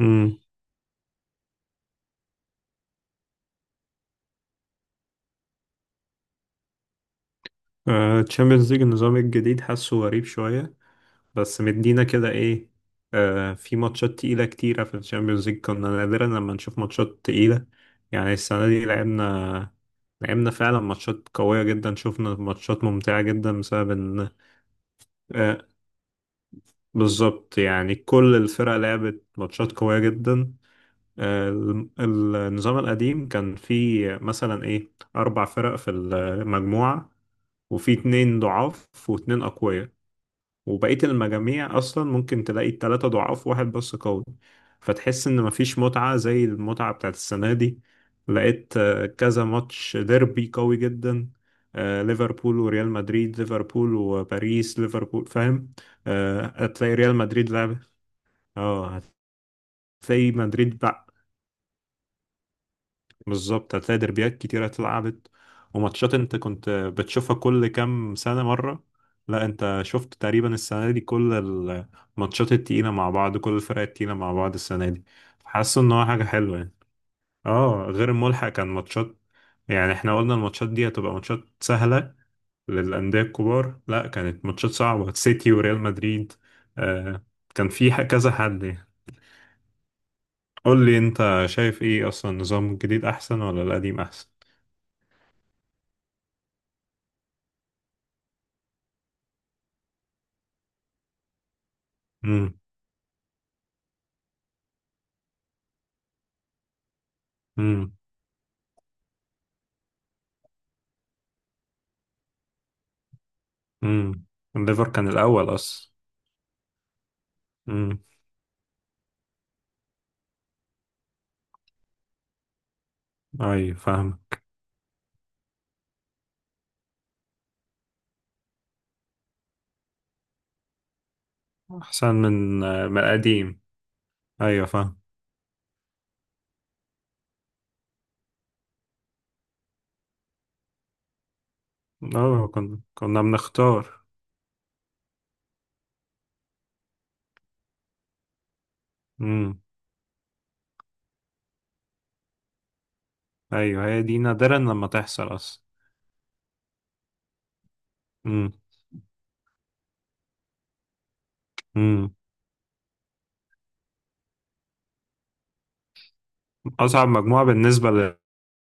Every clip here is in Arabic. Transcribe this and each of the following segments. امم تشامبيونز ليج النظام الجديد حاسه غريب شوية، بس مدينا كده ايه. في ماتشات تقيلة كتيرة في الشامبيونز ليج، كنا نادرا لما نشوف ماتشات تقيلة. يعني السنة دي لعبنا فعلا ماتشات قوية جدا، شفنا ماتشات ممتعة جدا بسبب ان. آه بالظبط، يعني كل الفرق لعبت ماتشات قوية جدا. آه النظام القديم كان فيه مثلا ايه أربع فرق في المجموعة، وفي اتنين ضعاف واتنين أقوياء، وبقية المجاميع أصلا ممكن تلاقي التلاتة ضعاف واحد بس قوي. فتحس إن مفيش متعة زي المتعة بتاعت السنة دي. لقيت كذا ماتش ديربي قوي جدا. ليفربول وريال مدريد، ليفربول وباريس، ليفربول فاهم. هتلاقي ريال مدريد لعب. اه هتلاقي مدريد. بالظبط، هتلاقي دربيات كتيرة اتلعبت، وماتشات انت كنت بتشوفها كل كام سنة مرة. لا، انت شفت تقريبا السنة دي كل الماتشات التقيلة مع بعض، كل الفرق التقيلة مع بعض السنة دي. حاسس ان هو حاجة حلوة يعني. اه غير الملحق كان ماتشات، يعني احنا قلنا الماتشات دي هتبقى ماتشات سهلة للأندية الكبار، لا كانت ماتشات صعبة، سيتي وريال مدريد. آه كان في كذا حد يعني. قول لي انت شايف ايه اصلا، النظام الجديد احسن ولا القديم احسن؟ امم امم الليفر كان الأول أصلا. امم أيوة فاهم. أحسن من، من قديم. أيوة فاهم. كنا بنختار. امم أيوة، هي دي نادرا لما تحصل أصلا. امم امم أصعب مجموعة بالنسبة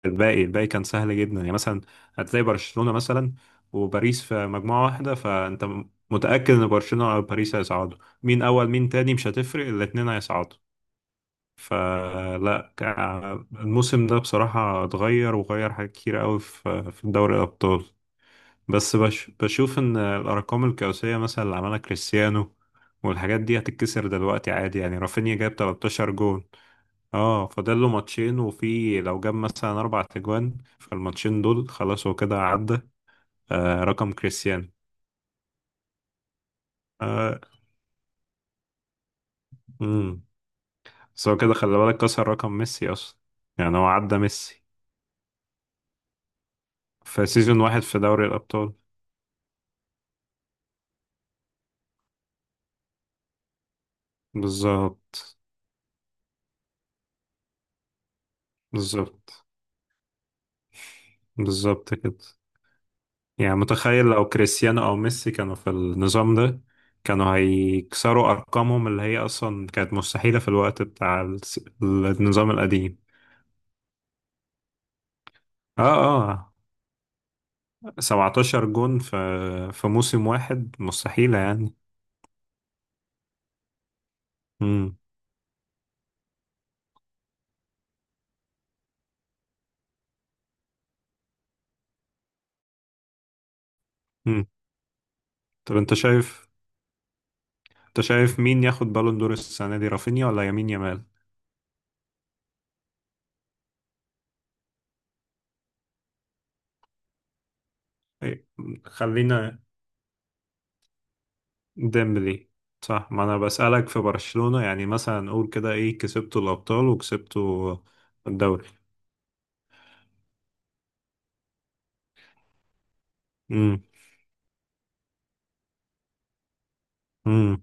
للباقي، الباقي كان سهل جدا، يعني مثلا هتلاقي برشلونة مثلا وباريس في مجموعة واحدة، فأنت متأكد إن برشلونة أو باريس هيصعدوا، مين أول مين تاني مش هتفرق، الاتنين هيصعدوا. الموسم ده بصراحة اتغير، وغير حاجات كتير قوي في دوري الأبطال. بس بشوف إن الأرقام القياسية مثلا اللي عملها كريستيانو والحاجات دي هتتكسر دلوقتي عادي، يعني رافينيا جاب 13 جون. اه، فاضل له ماتشين، وفي لو جاب مثلا أربع تجوان، فالماتشين دول خلاص هو كده عدى. رقم كريستيانو. آه مم. بس هو كده خلي بالك، كسر رقم ميسي أصلا، يعني هو عدى ميسي في سيزون واحد في دوري الأبطال. بالظبط، بالظبط، بالظبط كده. يعني متخيل لو كريستيانو او ميسي كانوا في النظام ده، كانوا هيكسروا ارقامهم اللي هي اصلا كانت مستحيلة في الوقت بتاع النظام القديم. اه، اه، 17 جون في موسم واحد، مستحيلة يعني. امم امم طب انت شايف، انت شايف مين ياخد بالون دور السنة دي، رافينيا ولا يمين يامال؟ إيه، خلينا ديمبلي. صح، ما انا بسألك في برشلونة، يعني مثلا قول كده ايه، كسبتوا الابطال وكسبتوا الدوري. امم امم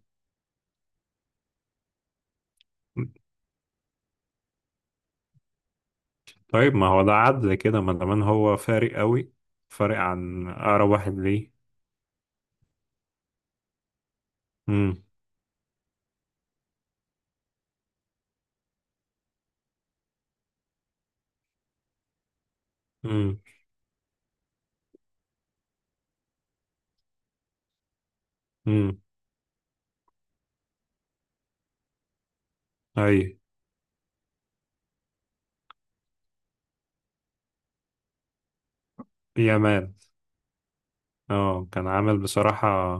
طيب، ما هو ده عدل كده ما دام هو فارق قوي، فارق عن اقرب واحد ليه. امم امم امم اي يامال. اه، كان عامل بصراحة.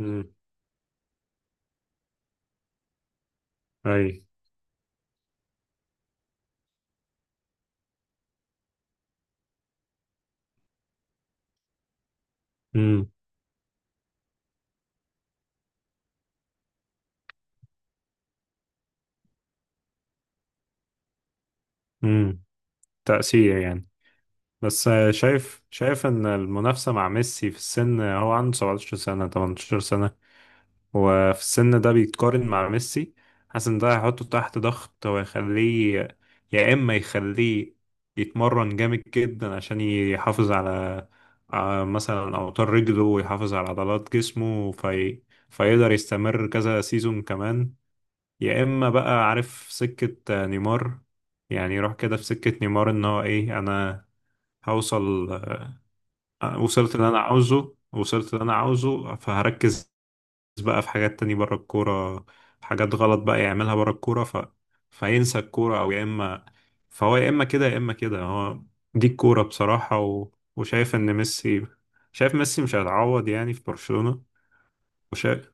امم اي امم امم تأثير يعني. بس شايف، شايف ان المنافسة مع ميسي في السن، هو عنده 17 سنة، 18 سنة، هو في السن ده بيتقارن مع ميسي. حاسس ان ده هيحطه تحت ضغط ويخليه، يا اما يخليه يتمرن جامد جدا عشان يحافظ على، على مثلا اوتار رجله، ويحافظ على عضلات جسمه، في... فيقدر يستمر كذا سيزون كمان، يا اما بقى عارف سكة نيمار، يعني يروح كده في سكة نيمار ان هو ايه، انا هوصل، وصلت اللي انا عاوزه، وصلت اللي انا عاوزه، فهركز بقى في حاجات تانية بره الكورة، حاجات غلط بقى يعملها بره الكورة، ف... فينسى الكورة، أو يا إما، فهو يا إما كده يا إما كده، هو دي الكورة بصراحة. و... وشايف إن ميسي، شايف ميسي مش هيتعوض يعني في برشلونة. وشايف.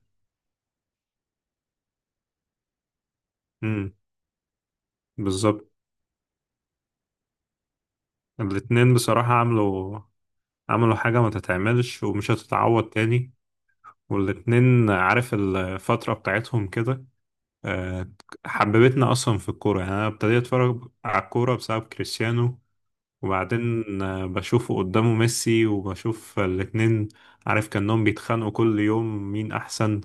امم بالظبط. الاتنين بصراحة عملوا حاجة ما تتعملش، ومش هتتعوض تاني. والاتنين عارف الفترة بتاعتهم كده. آه، حببتنا أصلا في الكورة، يعني أنا ابتديت أتفرج على الكورة بسبب كريستيانو، وبعدين بشوفه قدامه ميسي، وبشوف الاتنين، عارف كأنهم بيتخانقوا كل يوم مين أحسن.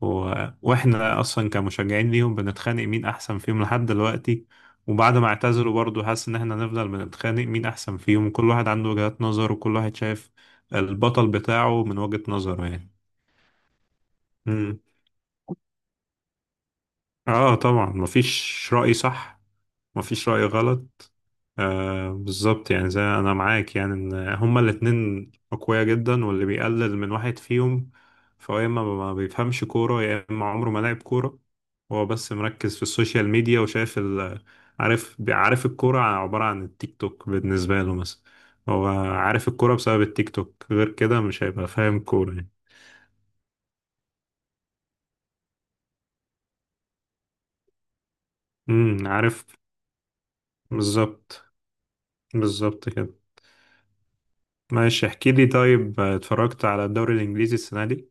و... وإحنا أصلا كمشجعين ليهم بنتخانق مين أحسن فيهم لحد دلوقتي، وبعد ما اعتزلوا برضه حاسس إن إحنا نفضل بنتخانق مين أحسن فيهم، كل واحد عنده وجهات نظر، وكل واحد شايف البطل بتاعه من وجهة نظره يعني. مم. طبعا، مفيش رأي صح، مفيش رأي غلط. بالظبط، يعني زي انا معاك، يعني ان هما الاتنين اقوياء جدا، واللي بيقلل من واحد فيهم فهو يا اما ما بيفهمش كورة، يا اما عمره ما لعب كورة، هو بس مركز في السوشيال ميديا، وشايف ال، عارف، عارف الكورة عبارة عن التيك توك بالنسبة له، مثلا هو عارف الكورة بسبب التيك توك، غير كده مش هيبقى فاهم كورة يعني. عارف. بالظبط، بالظبط كده. ماشي، احكي لي طيب، اتفرجت على الدوري الانجليزي السنة دي؟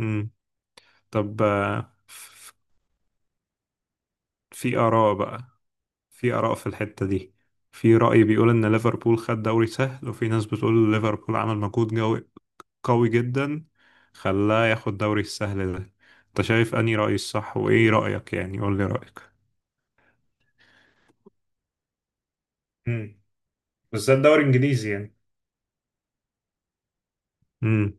امم طب في آراء بقى، في آراء في الحتة دي، في رأي بيقول إن ليفربول خد دوري سهل، وفي ناس بتقول ليفربول عمل مجهود قوي جدا، خلاه ياخد دوري السهل ده. أنت شايف أنهي رأي الصح؟ وإيه رأيك يعني؟ قول لي رأيك. امم بالذات دوري انجليزي يعني. امم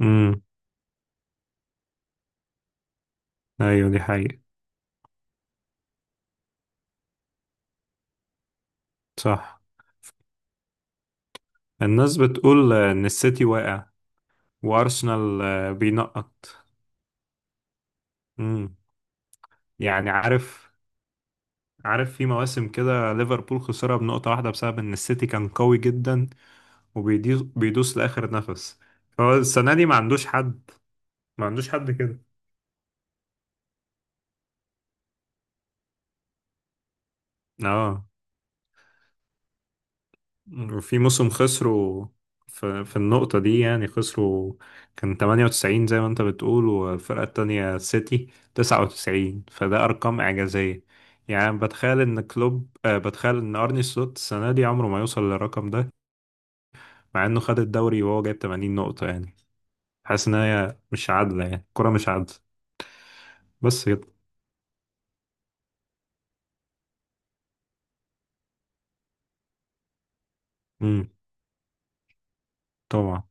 امم ايوه، دي حقيقة. صح. الناس بتقول ان السيتي واقع، وارسنال بينقط. امم يعني عارف، عارف في مواسم كده ليفربول خسرها بنقطة واحدة بسبب إن السيتي كان قوي جدا، وبيدوس بيدوس لآخر نفس. هو السنة دي ما عندوش حد، ما عندوش حد كده. اه، وفي موسم خسروا، في النقطة دي يعني خسروا. كان 98 زي ما انت بتقول، والفرقة التانية السيتي 99، فده أرقام إعجازية. يعني بتخيل إن كلوب، بتخيل إن أرني سلوت السنة دي عمره ما يوصل للرقم ده، مع إنه خد الدوري وهو جايب 80 نقطة يعني. حاسس ان هي مش عادله، يعني الكره مش عادله. بس كده. امم طبعا.